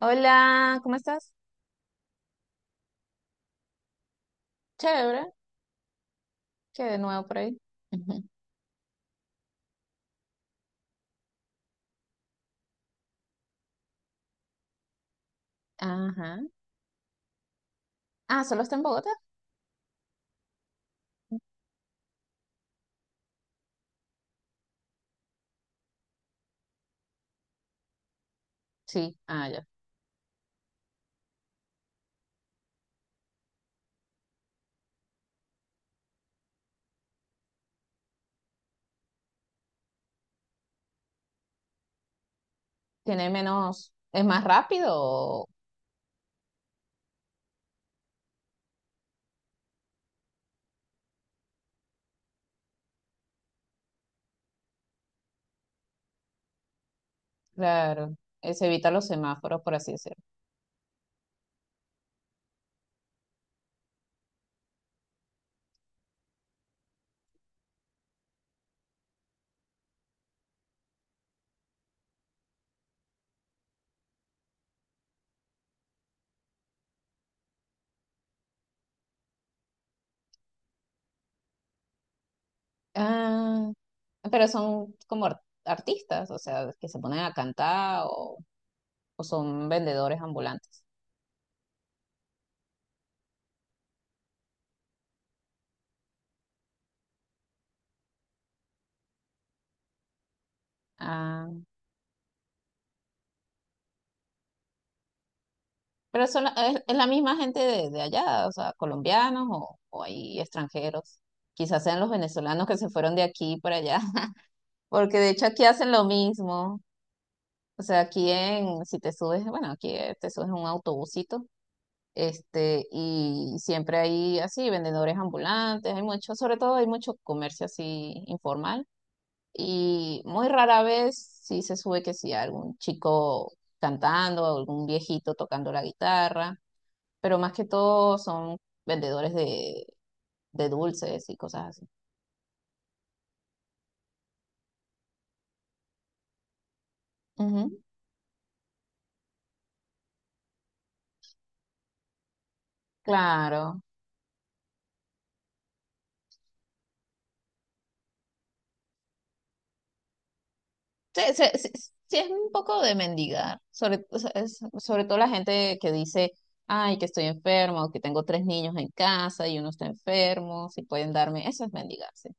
Hola, ¿cómo estás? Chévere, que de nuevo por ahí. Ujú. Ajá. Ah, ¿solo está en Bogotá? Sí, ah, ya. Tiene menos, ¿es más rápido, o- claro, se evita los semáforos, por así decirlo? Ah, pero son como artistas, o sea, ¿que se ponen a cantar o son vendedores ambulantes? Ah, pero son, es la misma gente de allá, o sea, ¿colombianos o hay extranjeros? Quizás sean los venezolanos que se fueron de aquí para allá, porque de hecho aquí hacen lo mismo. O sea, aquí en, si te subes, bueno, aquí te subes a un autobusito, este, y siempre hay así vendedores ambulantes, hay mucho, sobre todo hay mucho comercio así informal y muy rara vez sí se sube que sí, algún chico cantando, algún viejito tocando la guitarra, pero más que todo son vendedores de dulces y cosas así. Ujú, claro. Sí, sí, sí, sí es un poco de mendigar, sobre, o sea, sobre todo la gente que dice, ay, que estoy enfermo, o que tengo tres niños en casa y uno está enfermo, si pueden darme, eso es mendigarse.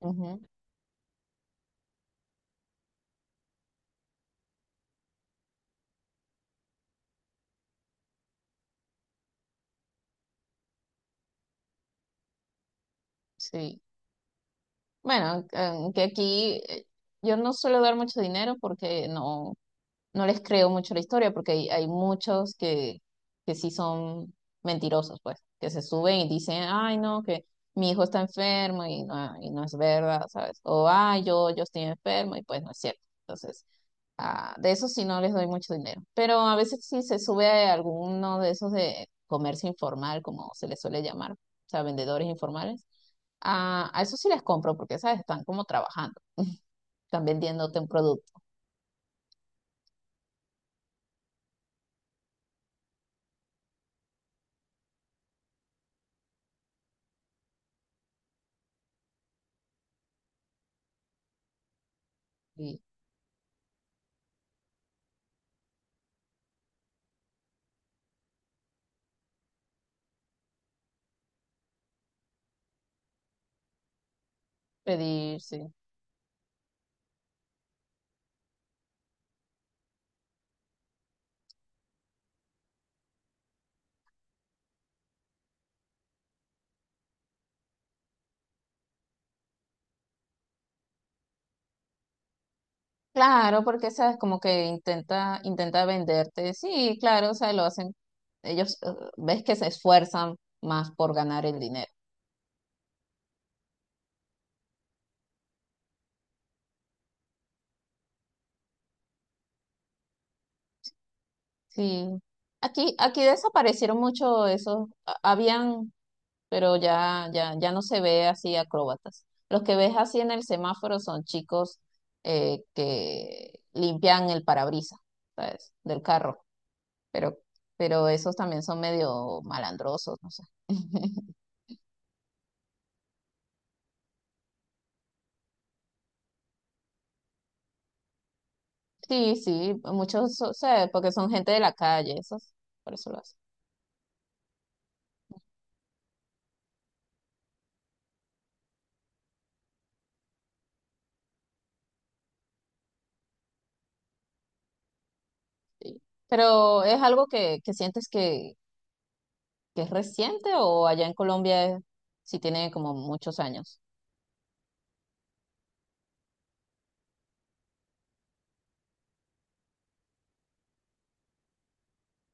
Ujú, sí. Bueno, que aquí yo no suelo dar mucho dinero porque no, no les creo mucho la historia, porque hay muchos que sí son mentirosos, pues, que se suben y dicen, ay, no, que mi hijo está enfermo y no es verdad, ¿sabes? O, ay, yo estoy enfermo y pues no es cierto. Entonces, ah, de eso sí no les doy mucho dinero. Pero a veces sí se sube a alguno de esos de comercio informal, como se les suele llamar, o sea, vendedores informales. Ah, a eso sí les compro porque, ¿sabes? Están como trabajando, están vendiéndote un producto. Y pedir, sí. Claro, porque sabes como que intenta venderte. Sí, claro, o sea, lo hacen, ellos ves que se esfuerzan más por ganar el dinero. Sí. Aquí, aquí desaparecieron mucho esos, habían, pero ya no se ve así acróbatas. Los que ves así en el semáforo son chicos que limpian el parabrisas, ¿sabes? Del carro. Pero, pero esos también son medio malandrosos, no sé. Sí, sí, muchos, o sea, porque son gente de la calle, esos, por eso lo hacen. Sí. Pero ¿es algo que sientes que es reciente o allá en Colombia sí tiene como muchos años?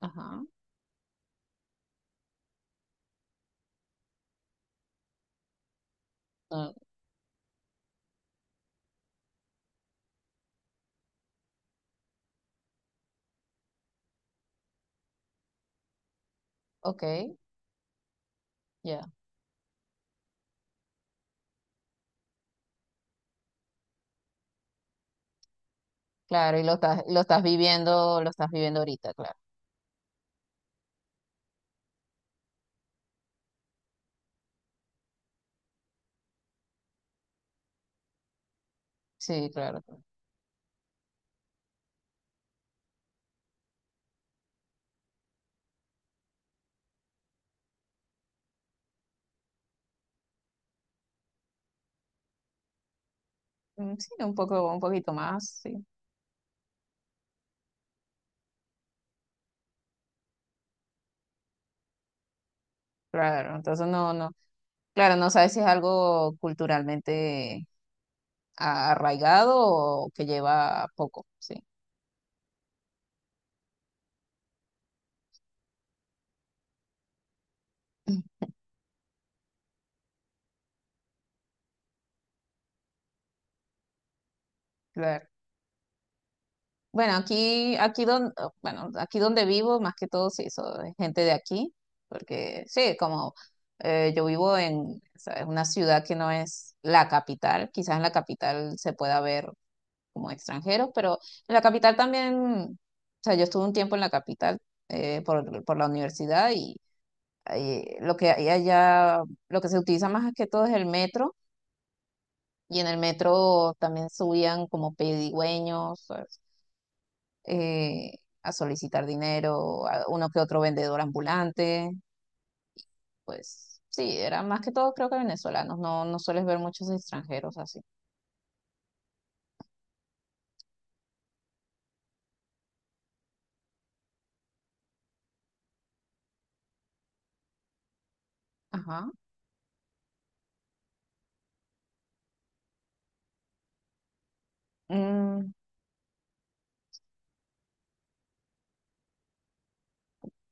Ajá. Ah, ok, ya. Claro, y lo estás viviendo ahorita, claro. Sí, claro, claro. Mm, sí, un poco, un poquito más, sí. Claro, entonces no, no. Claro, no sabes si es algo culturalmente arraigado o que lleva poco, sí. Claro. Bueno, aquí, aquí donde, bueno, aquí donde vivo, más que todo, sí, gente de aquí, porque sí, como yo vivo en, ¿sabes? Una ciudad que no es la capital, quizás en la capital se pueda ver como extranjeros, pero en la capital también, o sea, yo estuve un tiempo en la capital por la universidad y ahí lo que hay allá, lo que se utiliza más que todo es el metro, y en el metro también subían como pedigüeños, eh, a solicitar dinero a uno que otro vendedor ambulante. Pues sí, eran más que todo creo que venezolanos, no, no sueles ver muchos extranjeros así. Ajá.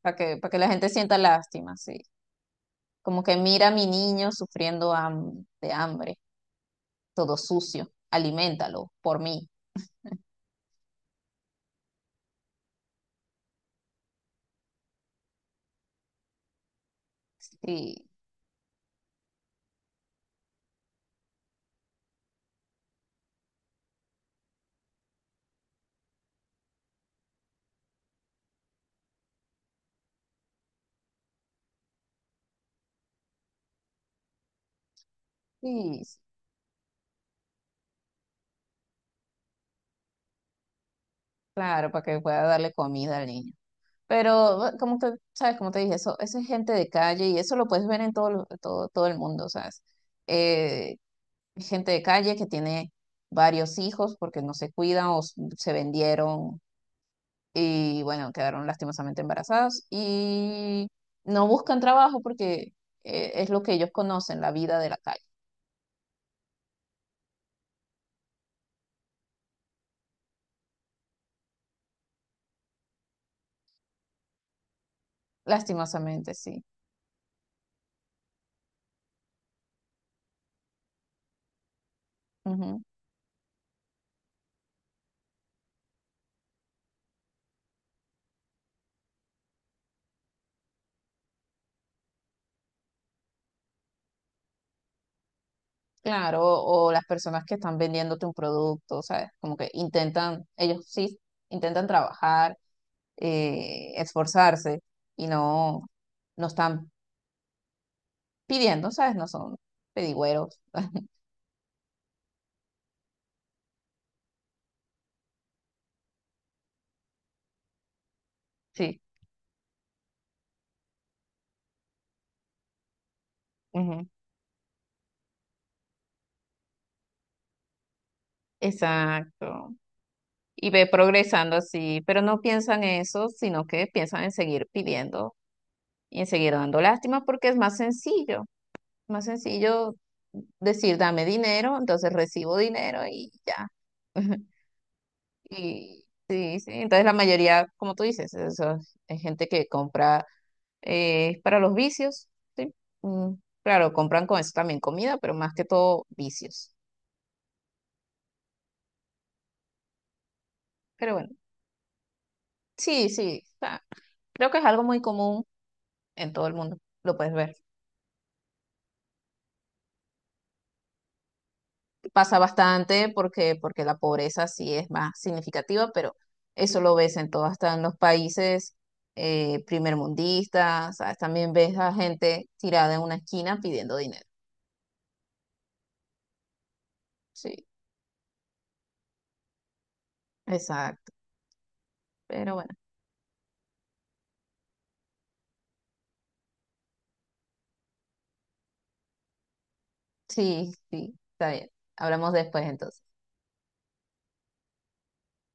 Para que, para que la gente sienta lástima, sí. Como que mira a mi niño sufriendo de hambre, todo sucio, aliméntalo por mí. Sí, sí, claro, para que pueda darle comida al niño. Pero, bueno, como te, sabes, como te dije, eso es gente de calle y eso lo puedes ver en todo, todo, todo el mundo, ¿sabes? Eh, gente de calle que tiene varios hijos porque no se cuidan o se vendieron y, bueno, quedaron lastimosamente embarazados y no buscan trabajo porque es lo que ellos conocen, la vida de la calle. Lastimosamente, sí. Ujú. Claro, o las personas que están vendiéndote un producto, ¿sabes? Como que intentan, ellos sí intentan trabajar esforzarse y no, no están pidiendo, ¿sabes? No son pedigüeros. Sí, ujú, exacto. Y ve progresando así, pero no piensan eso, sino que piensan en seguir pidiendo y en seguir dando lástima porque es más sencillo decir dame dinero, entonces recibo dinero y ya. Y sí, sí, entonces la mayoría, como tú dices, eso es gente que compra es para los vicios, ¿sí? Mm, claro, compran con eso también comida, pero más que todo vicios. Pero bueno, sí, sí, está- creo que es algo muy común en todo el mundo, lo puedes ver. Pasa bastante porque, porque la pobreza sí es más significativa, pero eso lo ves en todo, hasta en los países primermundistas, ¿sabes? También ves a gente tirada en una esquina pidiendo dinero. Sí, exacto. Pero bueno, sí, sí, está bien. Hablamos después entonces.